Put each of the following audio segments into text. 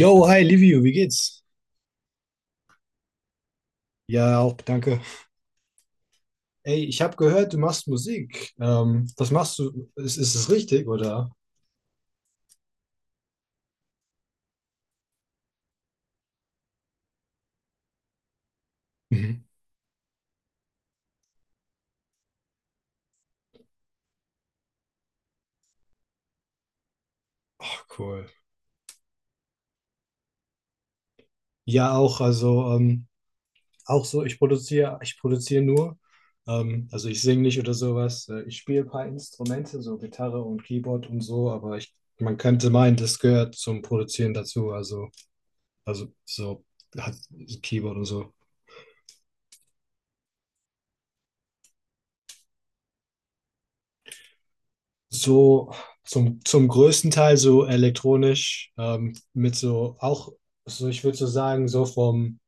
Yo, hi Livio, wie geht's? Ja, auch danke. Ey, ich habe gehört, du machst Musik. Was machst du? Ist es richtig, oder? Mhm. Ach, cool. Ja, auch, also auch so, ich produziere nur. Also ich singe nicht oder sowas. Ich spiele ein paar Instrumente, so Gitarre und Keyboard und so, aber man könnte meinen, das gehört zum Produzieren dazu. Also so hat Keyboard und so. So zum größten Teil so elektronisch, mit so auch, so ich würde so sagen, so vom,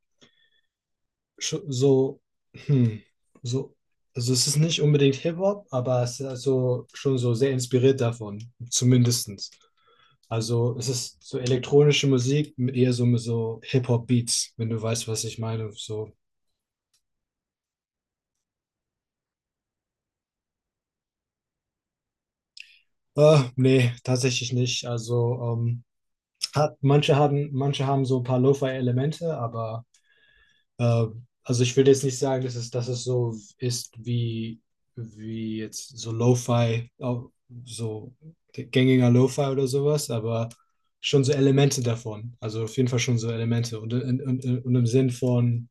sch- so, hm, so, also es ist nicht unbedingt Hip-Hop, aber es ist also schon so sehr inspiriert davon, zumindestens. Also es ist so elektronische Musik mit eher so, mit so Hip-Hop-Beats, wenn du weißt, was ich meine. So, nee, tatsächlich nicht. Also manche haben so ein paar Lo-Fi-Elemente, aber Äh, also ich will jetzt nicht sagen, dass es so ist wie jetzt so Lo-Fi, so gängiger Lo-Fi oder sowas, aber schon so Elemente davon. Also auf jeden Fall schon so Elemente. Und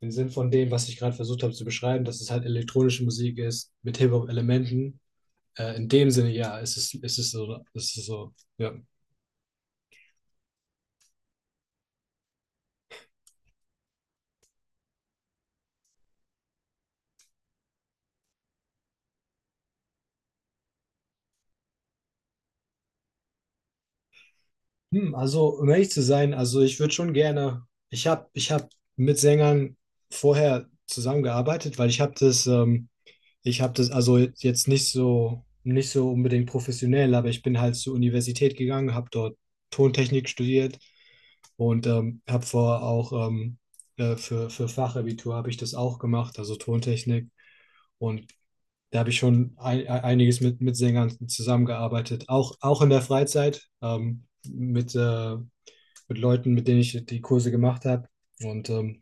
im Sinn von dem, was ich gerade versucht habe zu beschreiben, dass es halt elektronische Musik ist mit Hip-Hop-Elementen. In dem Sinne, ja, es ist so, es ist so, ja. Hm, also, um ehrlich zu sein, also ich würde schon gerne, ich habe ich hab mit Sängern vorher zusammengearbeitet, weil ich habe ich habe das, also jetzt nicht so, nicht so unbedingt professionell, aber ich bin halt zur Universität gegangen, habe dort Tontechnik studiert und habe vorher auch für Fachabitur habe ich das auch gemacht, also Tontechnik. Und da habe ich schon einiges mit Sängern zusammengearbeitet, auch, auch in der Freizeit. Mit Leuten, mit denen ich die Kurse gemacht habe. Und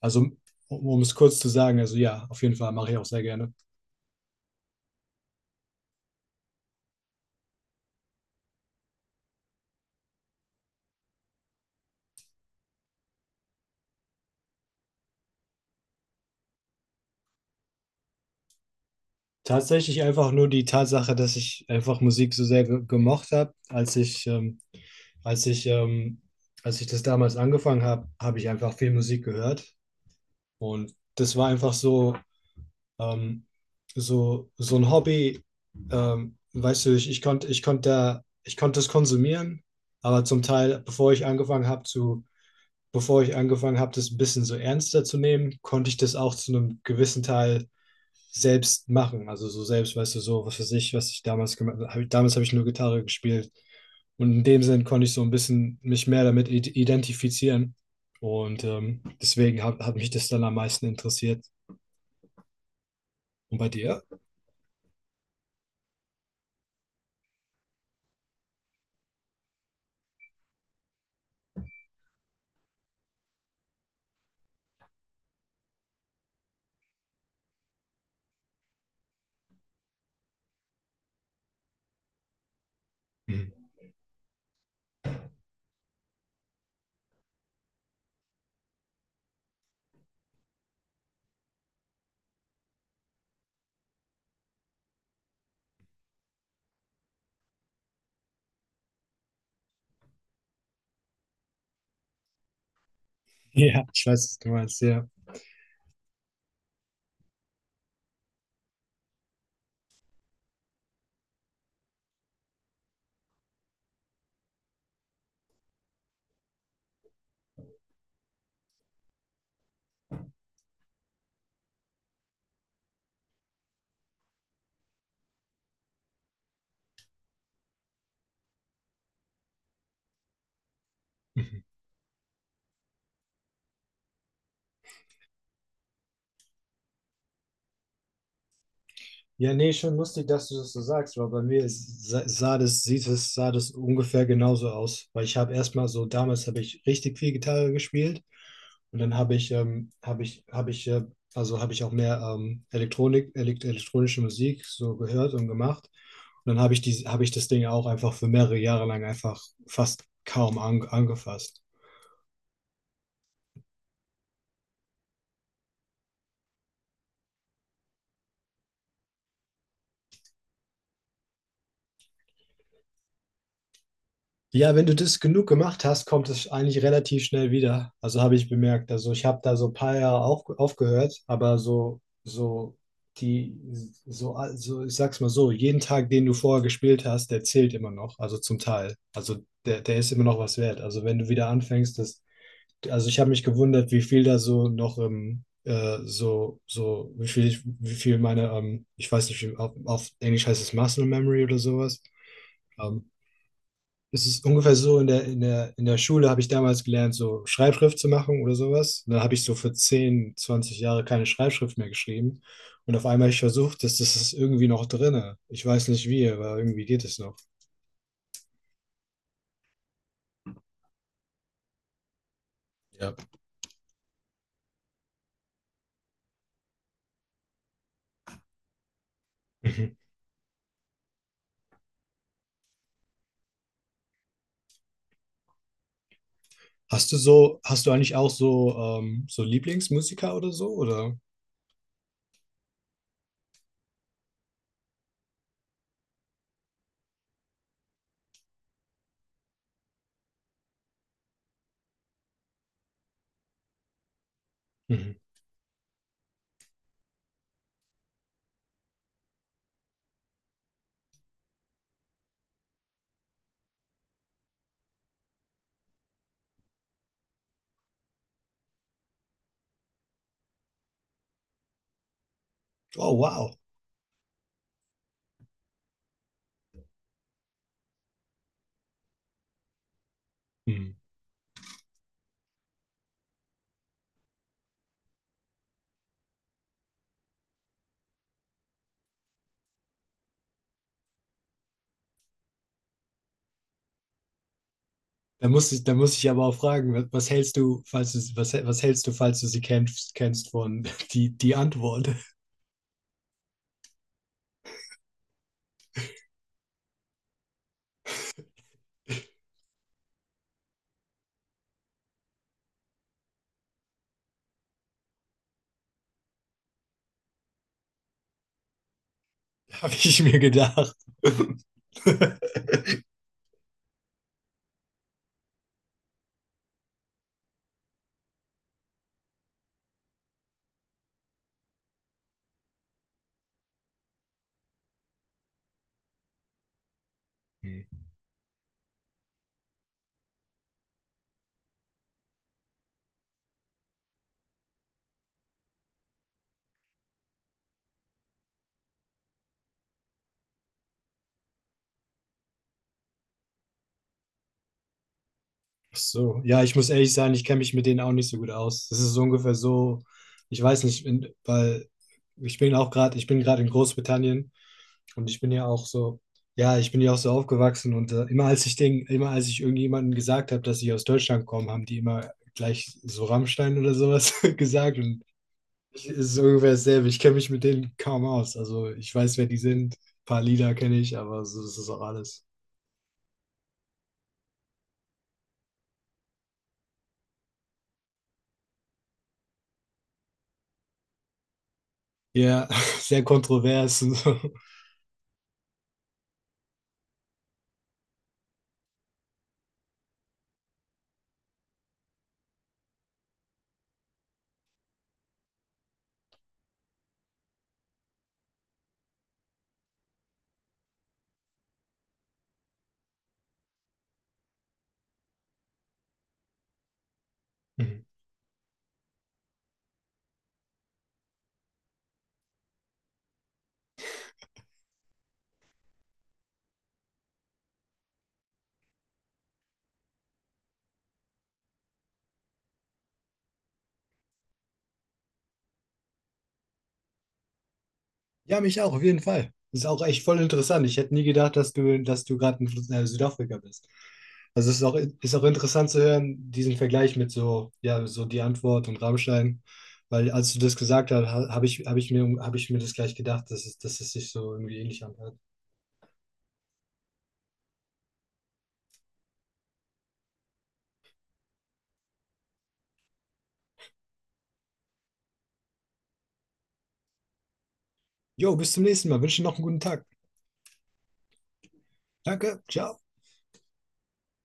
also, um es kurz zu sagen, also ja, auf jeden Fall mache ich auch sehr gerne. Tatsächlich einfach nur die Tatsache, dass ich einfach Musik so sehr ge gemocht habe, als als ich, ähm, als ich das damals angefangen habe, habe ich einfach viel Musik gehört. Und das war einfach so, ähm, so, so ein Hobby. Weißt du, ich konnte das konsumieren, aber zum Teil, bevor ich angefangen habe, das ein bisschen so ernster zu nehmen, konnte ich das auch zu einem gewissen Teil selbst machen. Also so selbst, weißt du, so was für sich, was ich damals gemacht habe. Damals habe ich nur Gitarre gespielt. Und in dem Sinn konnte ich so ein bisschen mich mehr damit identifizieren. Und deswegen hat mich das dann am meisten interessiert. Und bei dir? Mhm. Ja, ich weiß, was du meinst, ja. Ja, nee, schon lustig, dass du das so sagst, weil bei mir sah das ungefähr genauso aus. Weil ich habe erstmal so, damals habe ich richtig viel Gitarre gespielt und dann habe ich, habe ich auch mehr Elektronik, elekt elektronische Musik so gehört und gemacht. Und dann habe ich das Ding auch einfach für mehrere Jahre lang einfach fast kaum angefasst. Ja, wenn du das genug gemacht hast, kommt es eigentlich relativ schnell wieder. Also habe ich bemerkt. Also ich habe da so ein paar Jahre aufgehört, aber so, so die, also ich sag's mal so, jeden Tag, den du vorher gespielt hast, der zählt immer noch. Also zum Teil. Also der ist immer noch was wert. Also wenn du wieder anfängst, das, also ich habe mich gewundert, wie viel da so noch im, so, so, wie viel ich, wie viel meine, ich weiß nicht, auf Englisch heißt es Muscle Memory oder sowas. Ähm, Es ist ungefähr so, in der Schule habe ich damals gelernt, so Schreibschrift zu machen oder sowas. Und dann habe ich so für 10, 20 Jahre keine Schreibschrift mehr geschrieben. Und auf einmal habe ich versucht, dass das ist irgendwie noch drinne. Ich weiß nicht wie, aber irgendwie geht es noch. Ja. Mhm. Hast du so, hast du eigentlich auch so, so Lieblingsmusiker oder so, oder? Mhm. Oh, wow. Mhm. Da muss ich aber auch fragen, was, was hältst du, falls du sie kennst, kennst von die, die Antwort? Habe ich mir gedacht. Ach so, ja, ich muss ehrlich sein, ich kenne mich mit denen auch nicht so gut aus. Das ist so ungefähr so, ich weiß nicht, weil ich bin gerade in Großbritannien und ich bin ja auch so, ja, ich bin ja auch so aufgewachsen und immer als immer als ich irgendjemandem gesagt habe, dass ich aus Deutschland komme, haben die immer gleich so Rammstein oder sowas gesagt und ich, es ist so ungefähr dasselbe. Ich kenne mich mit denen kaum aus. Also ich weiß, wer die sind, ein paar Lieder kenne ich, aber so, das ist auch alles. Ja, sehr kontrovers und so. Mhm. Ja, mich auch, auf jeden Fall. Ist auch echt voll interessant. Ich hätte nie gedacht, dass du gerade in Südafrika bist. Also es ist auch interessant zu hören, diesen Vergleich mit so, ja, so die Antwort und Rammstein. Weil als du das gesagt hast, hab ich mir das gleich gedacht, dass es sich so irgendwie ähnlich anhört. Jo, bis zum nächsten Mal. Wünsche dir noch einen guten Tag. Danke, ciao.